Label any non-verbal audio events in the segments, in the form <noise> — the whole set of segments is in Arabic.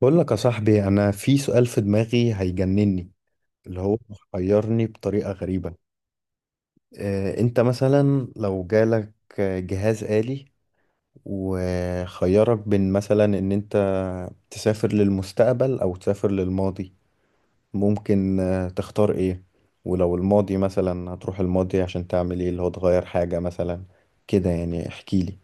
بقول لك يا صاحبي، انا في سؤال في دماغي هيجنني اللي هو محيرني بطريقة غريبة. انت مثلا لو جالك جهاز آلي وخيرك بين مثلا ان انت تسافر للمستقبل او تسافر للماضي. ممكن تختار ايه؟ ولو الماضي مثلا، هتروح الماضي عشان تعمل ايه؟ اللي هو تغير حاجة مثلا كده، يعني احكي لي.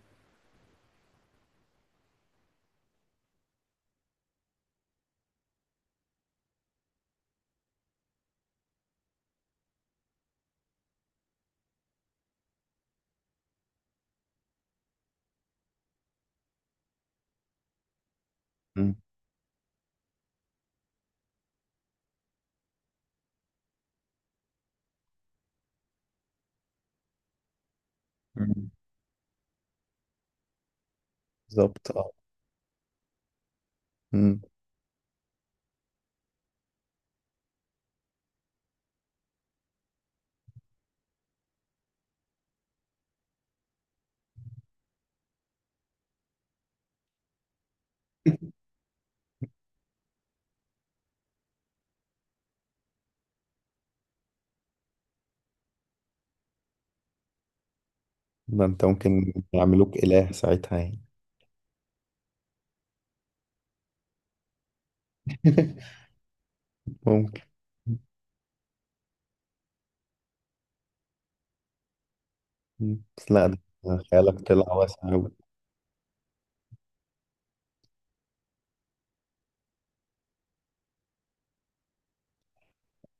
مم. مم. بالظبط، اه. مم. ده انت ممكن يعملوك إله ساعتها يعني. <laughs> ممكن. مم. بس لا، ده خيالك طلع واسع أوي.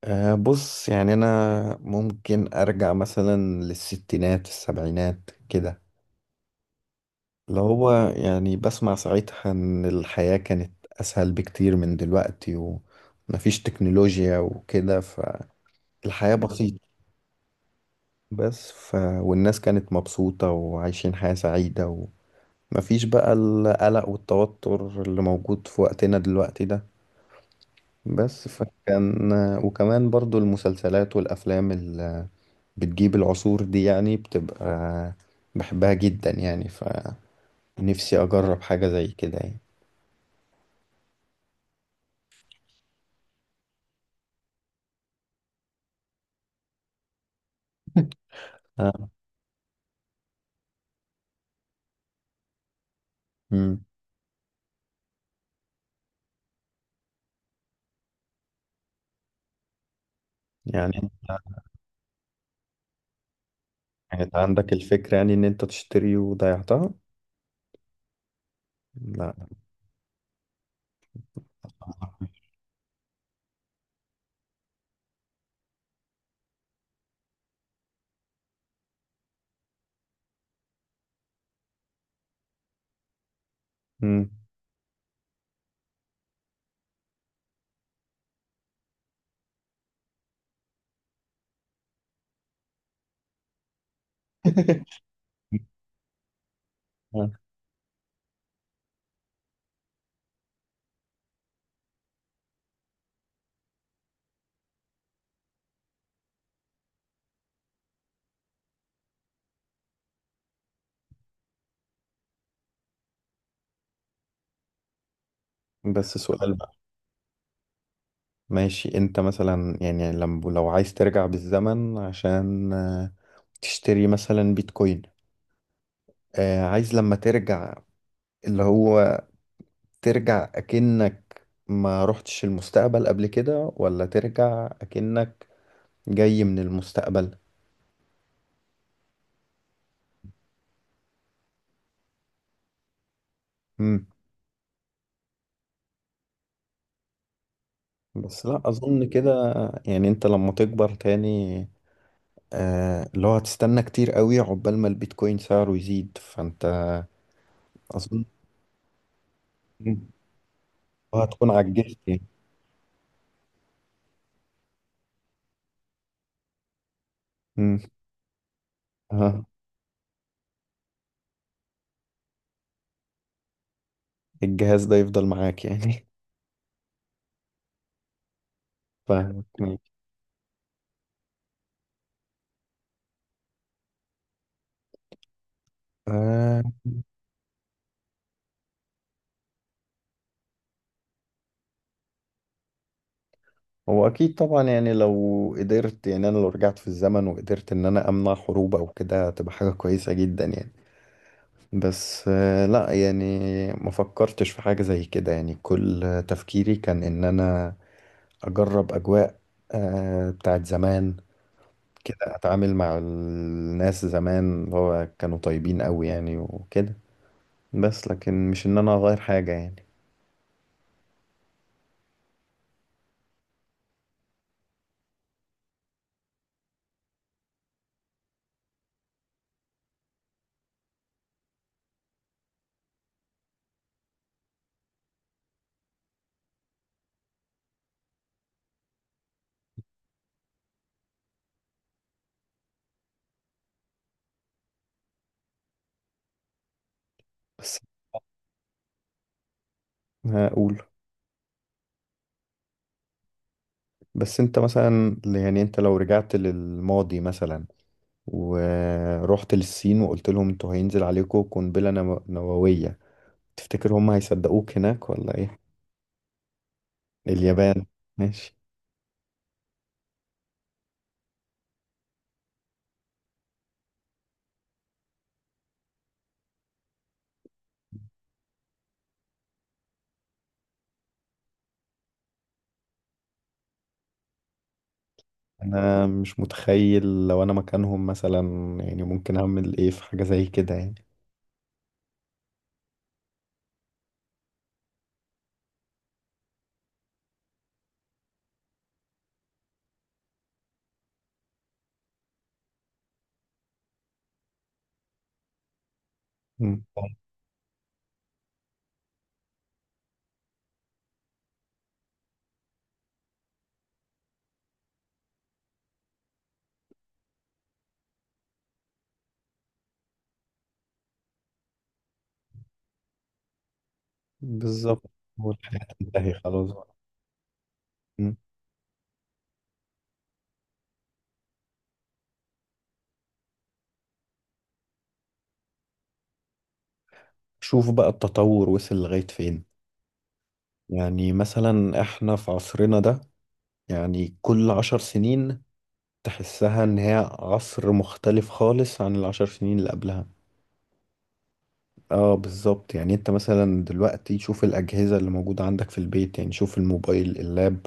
أه، بص يعني أنا ممكن أرجع مثلا للستينات السبعينات كده. اللي هو يعني بسمع ساعتها إن الحياة كانت أسهل بكتير من دلوقتي، ومفيش تكنولوجيا وكده، فالحياة بسيطة. بس والناس كانت مبسوطة وعايشين حياة سعيدة، ومفيش بقى القلق والتوتر اللي موجود في وقتنا دلوقتي ده. بس فكان. وكمان برضو المسلسلات والأفلام اللي بتجيب العصور دي يعني بتبقى، بحبها جدا يعني، فنفسي أجرب حاجة زي كده يعني. آه. مم. يعني انت. كانت عندك الفكرة يعني إن أنت تشتري وضيعتها؟ لا. مم. آه. بس سؤال بقى. ماشي، أنت مثلا يعني لو عايز ترجع بالزمن عشان تشتري مثلا بيتكوين. عايز لما ترجع، اللي هو ترجع أكنك ما رحتش المستقبل قبل كده، ولا ترجع أكنك جاي من المستقبل؟ مم. بس لا أظن كده. يعني أنت لما تكبر تاني، اللي هو هتستنى كتير قوي عقبال ما البيتكوين سعره يزيد، فأنت. أظن. مم. هتكون عجزت يعني. مم. آه. الجهاز ده يفضل معاك يعني؟ <laughs> فاهمك ماشي. آه. هو اكيد طبعا، يعني لو قدرت، يعني انا لو رجعت في الزمن وقدرت ان انا امنع حروب او كده، هتبقى حاجة كويسة جدا يعني. بس لا يعني، ما فكرتش في حاجة زي كده يعني، كل تفكيري كان ان انا اجرب اجواء بتاعت زمان كده، اتعامل مع الناس زمان اللي هو كانوا طيبين قوي يعني وكده. بس لكن مش ان انا اغير حاجة يعني. بس هقول. بس انت مثلا يعني انت لو رجعت للماضي مثلا، ورحت للصين وقلت لهم انتوا هينزل عليكم قنبلة نووية، تفتكر هم هيصدقوك هناك ولا ايه؟ اليابان. ماشي. انا مش متخيل لو انا مكانهم مثلا، يعني ممكن اعمل ايه في حاجة زي كده يعني. مم. بالظبط. والحياة تنتهي خلاص بقى. مم. شوف بقى التطور وصل لغاية فين. يعني مثلا احنا في عصرنا ده، يعني كل عشر سنين تحسها ان هي عصر مختلف خالص عن العشر سنين اللي قبلها. اه، بالظبط، يعني انت مثلا دلوقتي شوف الأجهزة اللي موجودة عندك في البيت، يعني شوف الموبايل، اللاب.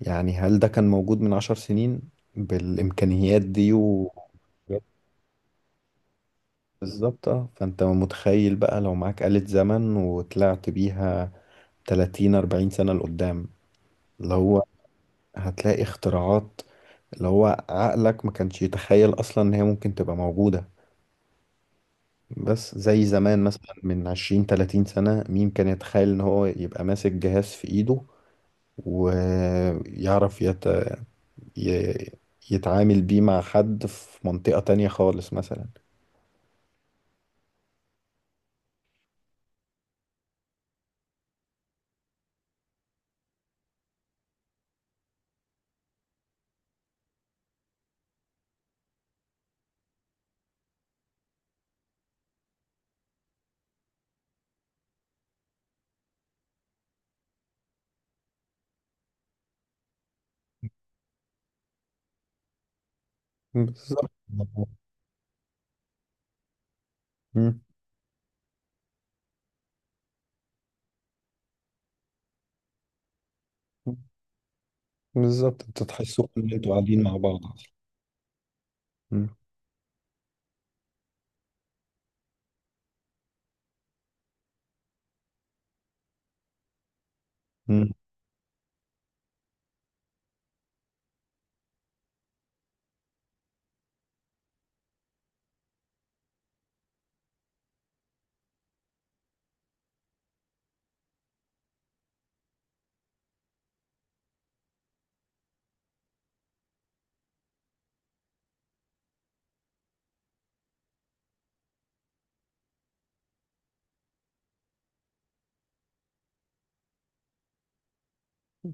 يعني هل ده كان موجود من عشر سنين بالإمكانيات دي بالظبط اه. فانت متخيل بقى لو معاك آلة زمن وطلعت بيها 30 40 سنة لقدام، اللي هو هتلاقي اختراعات اللي هو عقلك ما كانش يتخيل اصلا ان هي ممكن تبقى موجودة. بس زي زمان مثلا من 20 30 سنة، مين كان يتخيل ان هو يبقى ماسك جهاز في ايده ويعرف ي... يتعامل بيه مع حد في منطقة تانية خالص مثلا. بالظبط. مم. بالظبط، انت تحسوا ان انتوا قاعدين مع بعض اصلا. مم. مم.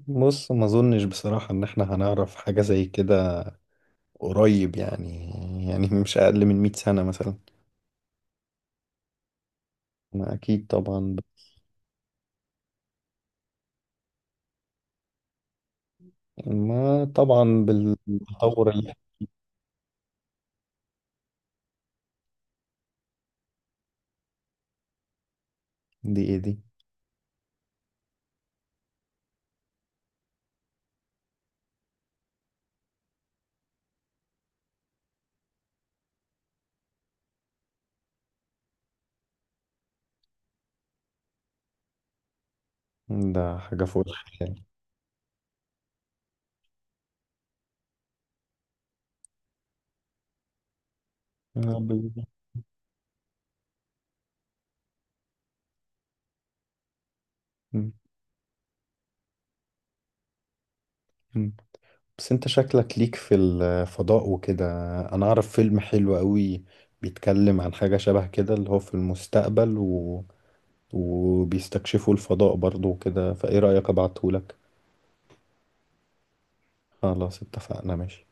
بص، ما اظنش بصراحة ان احنا هنعرف حاجة زي كده قريب يعني مش اقل من 100 سنة مثلا. ما اكيد طبعا ما طبعا بالتطور اللي. دي ايه دي؟ ده حاجة فوق الخيال. آه، بالظبط. مم. مم. بس انت شكلك ليك في الفضاء وكده، انا اعرف فيلم حلو قوي بيتكلم عن حاجة شبه كده اللي هو في المستقبل وبيستكشفوا الفضاء برضو وكده، فايه رأيك ابعتهولك؟ خلاص اتفقنا ماشي.